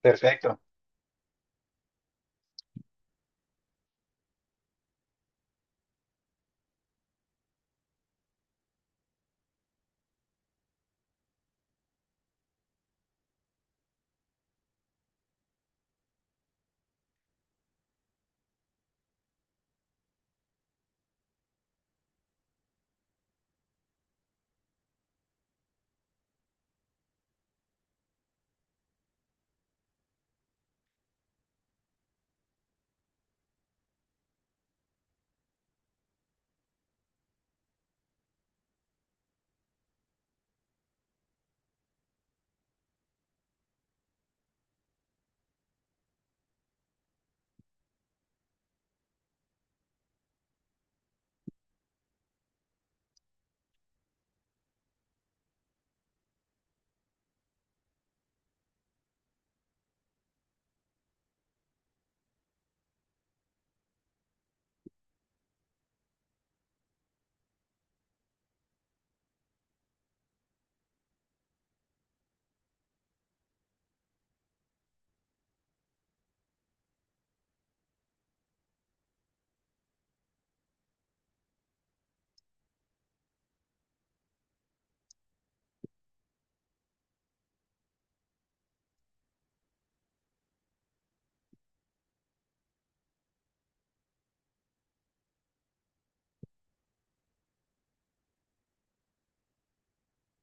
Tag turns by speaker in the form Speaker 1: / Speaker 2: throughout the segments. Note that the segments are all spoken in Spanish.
Speaker 1: Perfecto.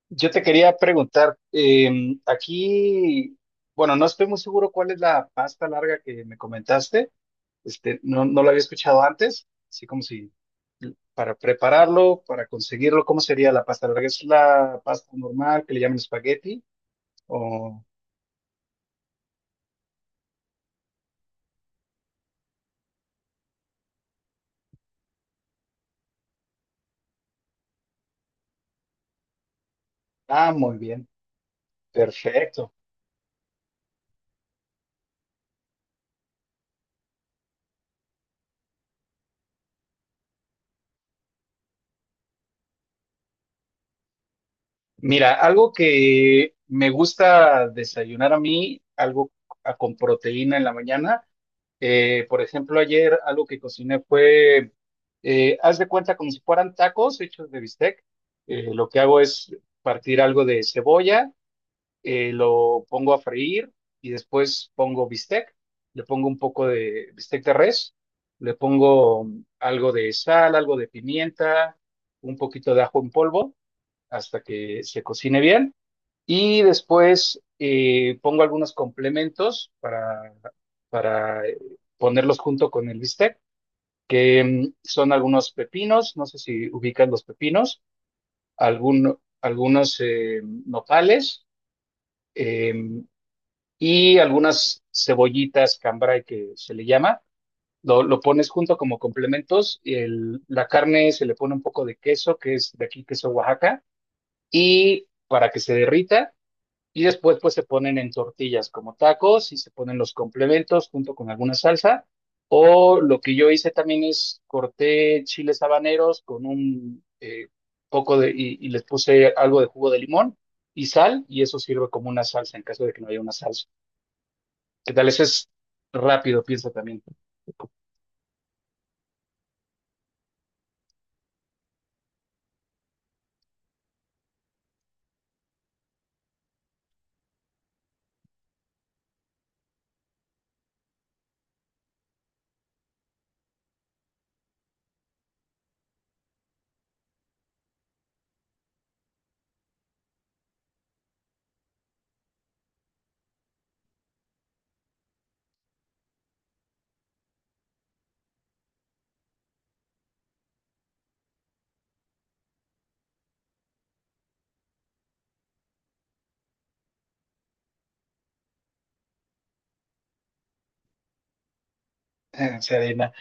Speaker 1: Yo te quería preguntar, aquí, bueno, no estoy muy seguro cuál es la pasta larga que me comentaste. No lo había escuchado antes, así como si para prepararlo, para conseguirlo, ¿cómo sería la pasta larga? ¿Es la pasta normal que le llaman espagueti? O... Ah, muy bien, perfecto. Mira, algo que me gusta desayunar a mí, algo con proteína en la mañana. Por ejemplo, ayer algo que cociné fue, haz de cuenta como si fueran tacos hechos de bistec. Lo que hago es partir algo de cebolla, lo pongo a freír y después pongo bistec. Le pongo un poco de bistec de res, le pongo algo de sal, algo de pimienta, un poquito de ajo en polvo hasta que se cocine bien. Y después pongo algunos complementos para, para ponerlos junto con el bistec, que son algunos pepinos, no sé si ubicas los pepinos, algunos nopales, eh, y algunas cebollitas cambray que se le llama. Lo pones junto como complementos. La carne se le pone un poco de queso, que es de aquí, queso Oaxaca, y para que se derrita. Y después pues se ponen en tortillas como tacos y se ponen los complementos junto con alguna salsa. O lo que yo hice también es corté chiles habaneros con un poco de, y les puse algo de jugo de limón y sal y eso sirve como una salsa en caso de que no haya una salsa. ¿Qué tal? Eso es rápido, piensa también. Serena.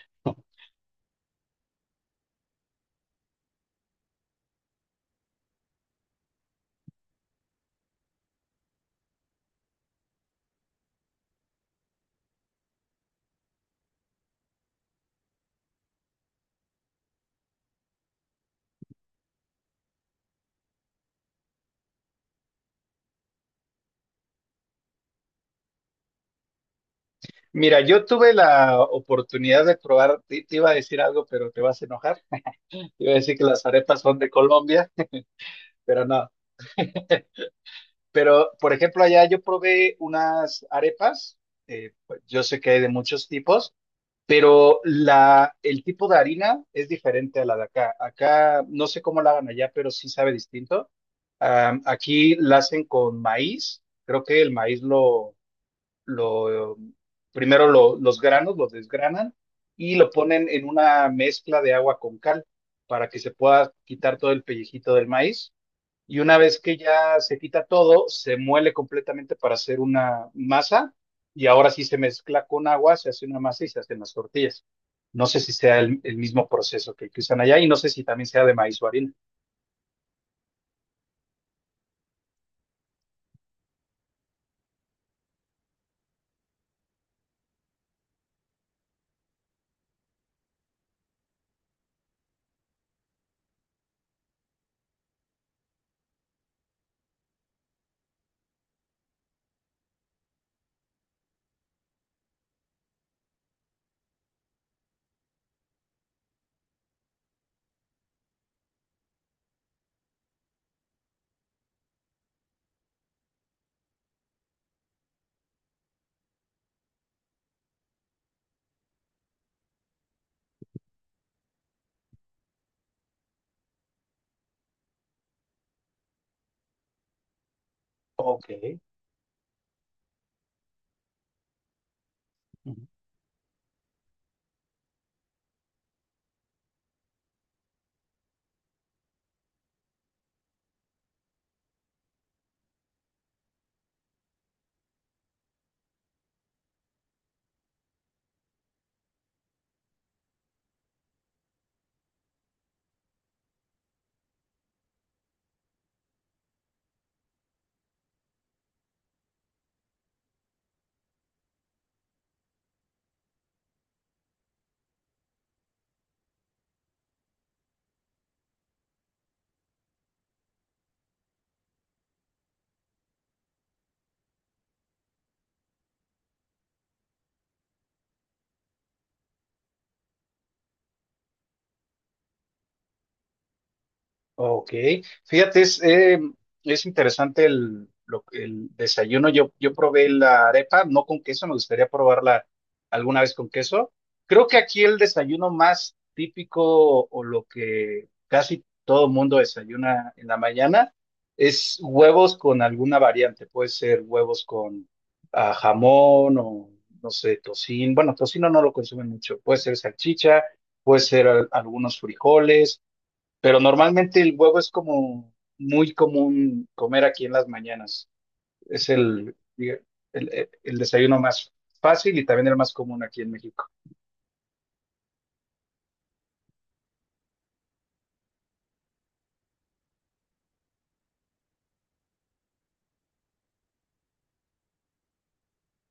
Speaker 1: Mira, yo tuve la oportunidad de probar, te iba a decir algo, pero te vas a enojar. Te iba a decir que las arepas son de Colombia, pero no. Pero, por ejemplo, allá yo probé unas arepas, pues, yo sé que hay de muchos tipos, pero el tipo de harina es diferente a la de acá. Acá no sé cómo la hagan allá, pero sí sabe distinto. Aquí la hacen con maíz, creo que el maíz lo primero los granos los desgranan y lo ponen en una mezcla de agua con cal para que se pueda quitar todo el pellejito del maíz, y una vez que ya se quita todo, se muele completamente para hacer una masa, y ahora sí se mezcla con agua, se hace una masa y se hacen las tortillas. No sé si sea el mismo proceso que usan allá y no sé si también sea de maíz o harina. Ok. Ok, fíjate, es interesante el desayuno. Yo probé la arepa, no con queso, me gustaría probarla alguna vez con queso. Creo que aquí el desayuno más típico o lo que casi todo mundo desayuna en la mañana es huevos con alguna variante. Puede ser huevos con jamón o, no sé, tocino. Bueno, tocino no lo consumen mucho. Puede ser salchicha, puede ser algunos frijoles. Pero normalmente el huevo es como muy común comer aquí en las mañanas. Es el, diga- el desayuno más fácil y también el más común aquí en México.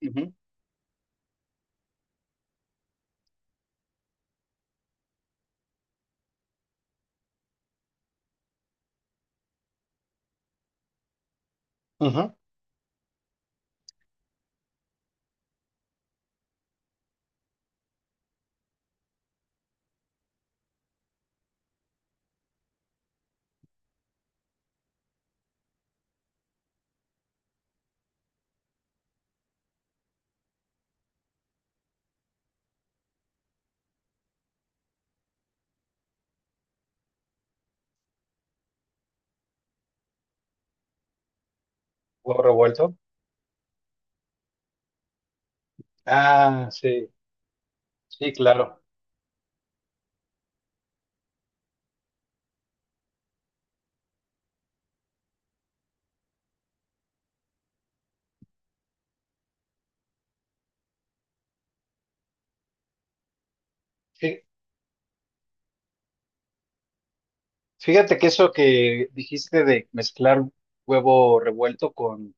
Speaker 1: Ujú, ujú. Huevo revuelto. Ah, sí, sí, claro. Fíjate que eso que dijiste de mezclar huevo revuelto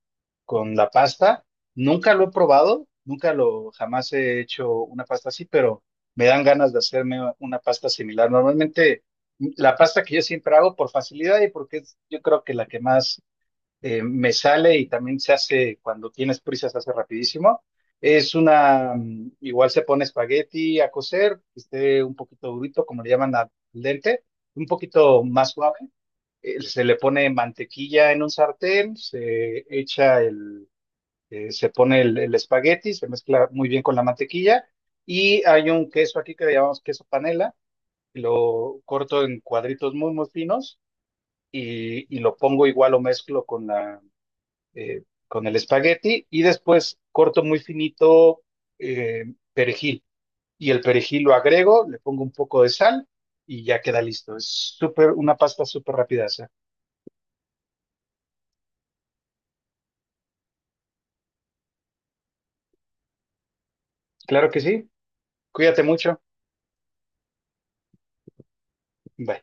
Speaker 1: con la pasta, nunca lo he probado, nunca lo, jamás he hecho una pasta así, pero me dan ganas de hacerme una pasta similar. Normalmente la pasta que yo siempre hago por facilidad y porque es, yo creo que la que más me sale y también se hace, cuando tienes prisa, se hace rapidísimo. Es una, igual se pone espagueti a cocer, que esté un poquito durito, como le llaman al dente, un poquito más suave. Se le pone mantequilla en un sartén, se echa el, se pone el espagueti, se mezcla muy bien con la mantequilla. Y hay un queso aquí que le llamamos queso panela, lo corto en cuadritos muy, muy finos y lo pongo igual o mezclo con la con el espagueti y después corto muy finito eh, perejil. Y el perejil lo agrego, le pongo un poco de sal y ya queda listo. Es súper, una pasta súper rápida. Esa. Claro que sí. Cuídate mucho. Bye.